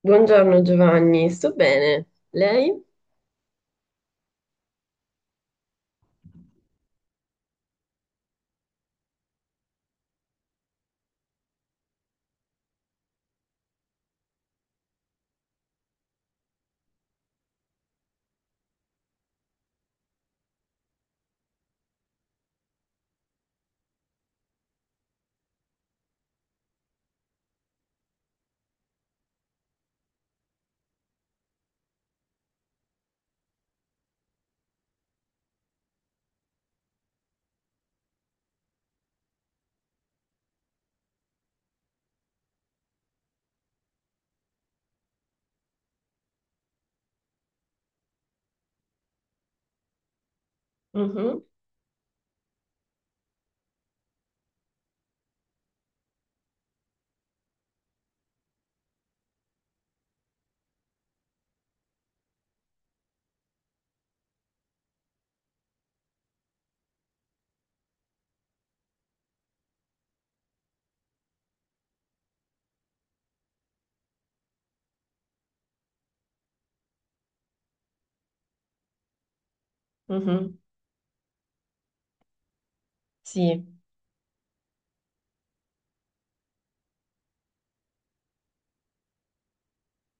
Buongiorno Giovanni, sto bene. Lei? Mhm, mhm. Sì,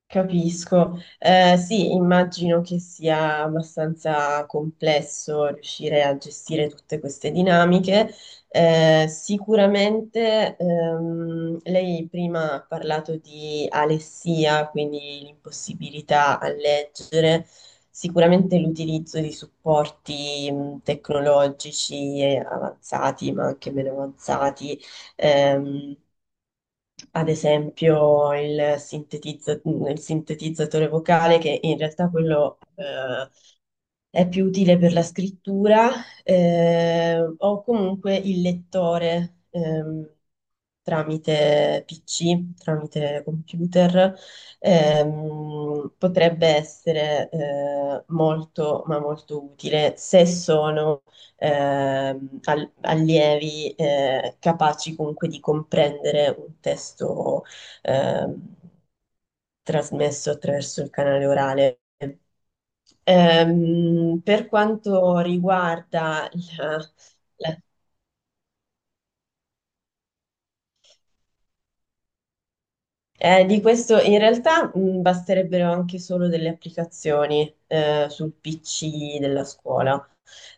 capisco. Sì, immagino che sia abbastanza complesso riuscire a gestire tutte queste dinamiche. Sicuramente lei prima ha parlato di alessia, quindi l'impossibilità a leggere. Sicuramente l'utilizzo di supporti tecnologici avanzati, ma anche meno avanzati. ehm, Ad esempio il il sintetizzatore vocale, che in realtà quello è più utile per la scrittura, o comunque il lettore. Tramite PC, tramite computer, potrebbe essere molto, ma molto utile se sono allievi capaci comunque di comprendere un testo ehm, trasmesso attraverso il canale orale. Per quanto riguarda la, la- eh, di questo in realtà basterebbero anche solo delle applicazioni sul PC della scuola.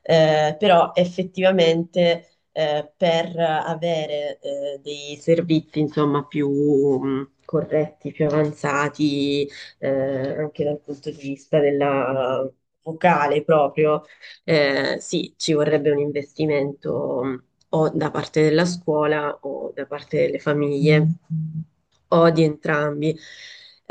Però effettivamente per avere dei servizi insomma più corretti, più avanzati, eh, anche dal punto di vista della vocale proprio, sì, ci vorrebbe un investimento o da parte della scuola o da parte delle famiglie o di entrambi.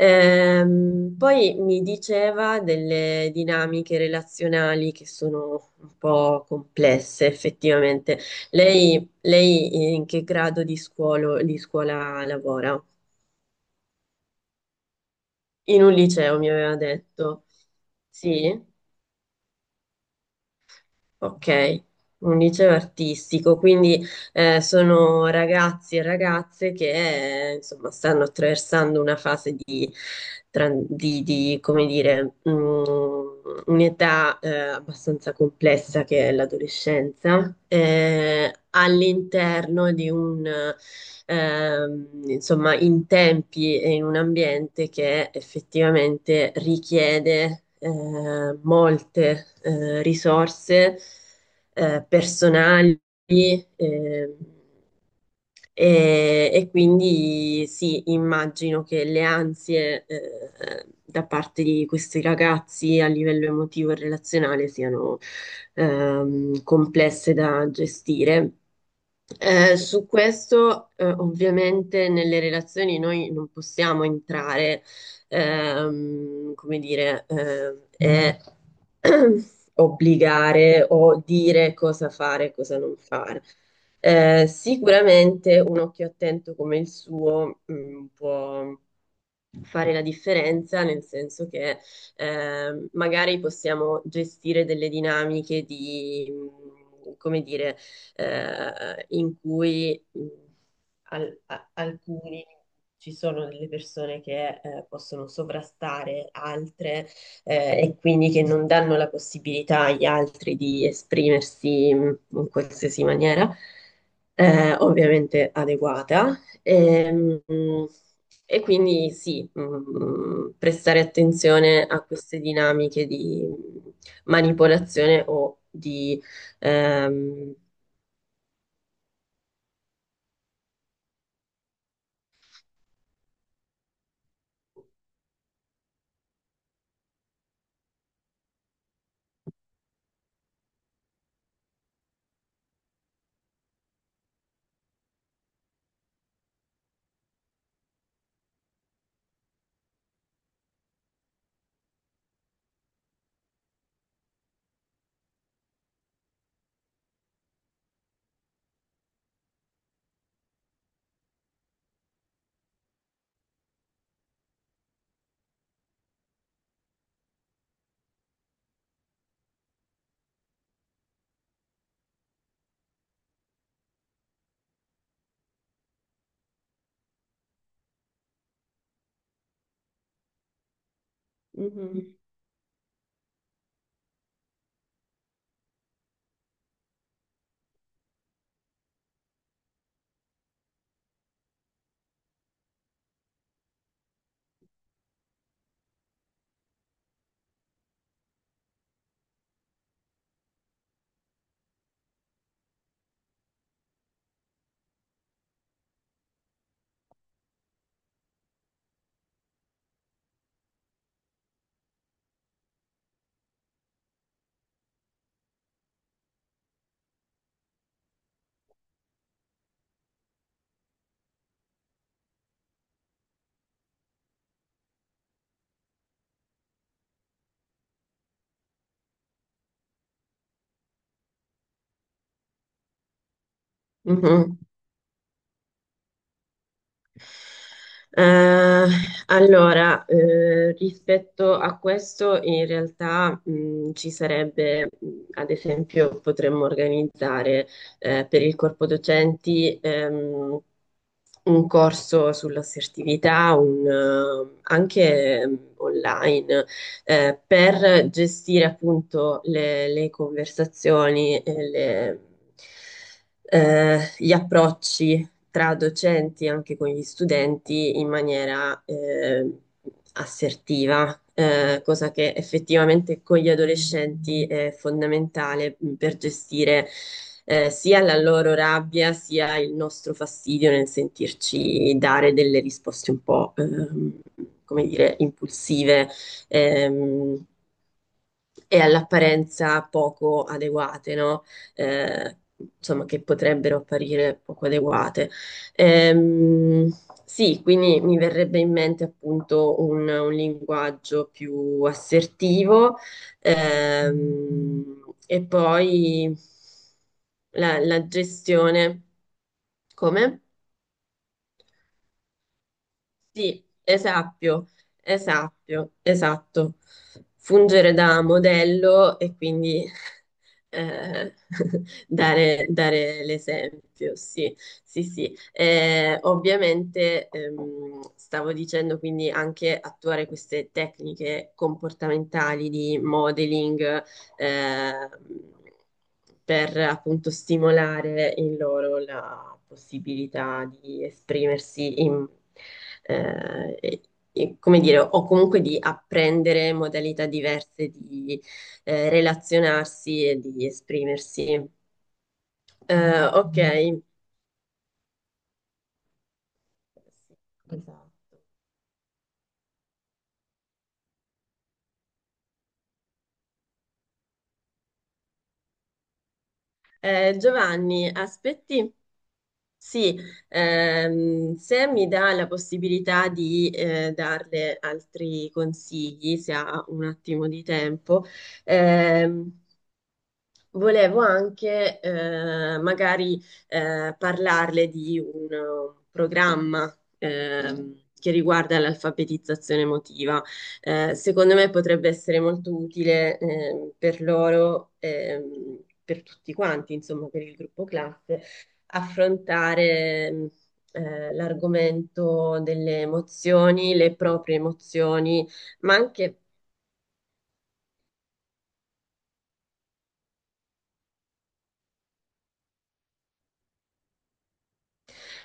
Poi mi diceva delle dinamiche relazionali che sono un po' complesse, effettivamente. Lei in che grado di scuola lavora? In un liceo, mi aveva detto. Sì? Ok, un liceo artistico, quindi sono ragazzi e ragazze che insomma stanno attraversando una fase di, come dire, un'età abbastanza complessa che è l'adolescenza, all'interno di un insomma, in tempi e in un ambiente che effettivamente richiede molte risorse personali, ehm, e quindi sì, immagino che le ansie da parte di questi ragazzi a livello emotivo e relazionale siano complesse da gestire. Su questo, ovviamente, nelle relazioni noi non possiamo entrare, come dire, obbligare o dire cosa fare e cosa non fare. Sicuramente un occhio attento come il suo, mm, può fare la differenza, nel senso che magari possiamo gestire delle dinamiche di, come dire, in cui alcuni ci sono delle persone che possono sovrastare altre e quindi che non danno la possibilità agli altri di esprimersi in qualsiasi maniera, ovviamente adeguata. Ehm, quindi sì, prestare attenzione a queste dinamiche di manipolazione o di ehm, mhm, mhm. Eh, allora, rispetto a questo, in realtà, ci sarebbe, ad esempio, potremmo organizzare, per il corpo docenti, un corso sull'assertività, un, anche online, per gestire appunto le conversazioni, gli approcci tra docenti e anche con gli studenti in maniera assertiva, cosa che effettivamente con gli adolescenti è fondamentale per gestire sia la loro rabbia sia il nostro fastidio nel sentirci dare delle risposte un po', come dire, impulsive. ehm, e all'apparenza poco adeguate, no? Eh, insomma, che potrebbero apparire poco adeguate. Ehm, sì, quindi mi verrebbe in mente appunto un linguaggio più assertivo, e poi la gestione. Come? Sì, esatto, esatto, esatto. Fungere da modello e quindi eh, dare l'esempio, sì, sì, sì. Ovviamente stavo dicendo quindi anche attuare queste tecniche comportamentali di modeling, eh, per appunto stimolare in loro la possibilità di esprimersi in, eh, come dire, o comunque di apprendere modalità diverse di relazionarsi e di esprimersi. Ok, esatto. Giovanni, aspetti. Sì, se mi dà la possibilità di darle altri consigli, se ha un attimo di tempo, ehm, volevo anche magari parlarle di un programma che riguarda l'alfabetizzazione emotiva. Secondo me potrebbe essere molto utile per loro, per tutti quanti, insomma, per il gruppo classe, affrontare l'argomento delle emozioni, le proprie emozioni, ma anche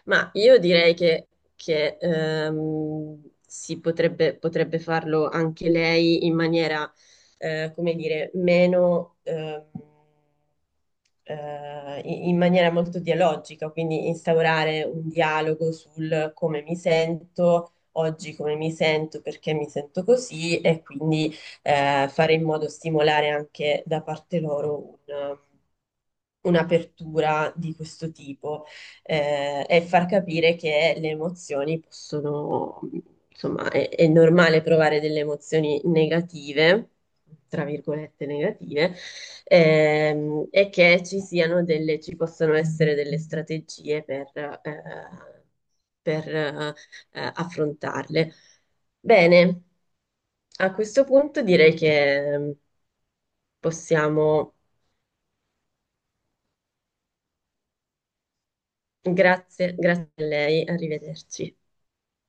ma io direi che, potrebbe farlo anche lei in maniera, come dire, meno, in maniera molto dialogica, quindi instaurare un dialogo sul come mi sento. Oggi come mi sento, perché mi sento così, e quindi fare in modo stimolare anche da parte loro un'apertura di questo tipo e far capire che le emozioni possono, insomma, è normale provare delle emozioni negative, tra virgolette negative, e che ci siano delle, ci possono essere delle strategie per, affrontarle. Bene, a questo punto direi che possiamo, grazie, grazie a lei, arrivederci.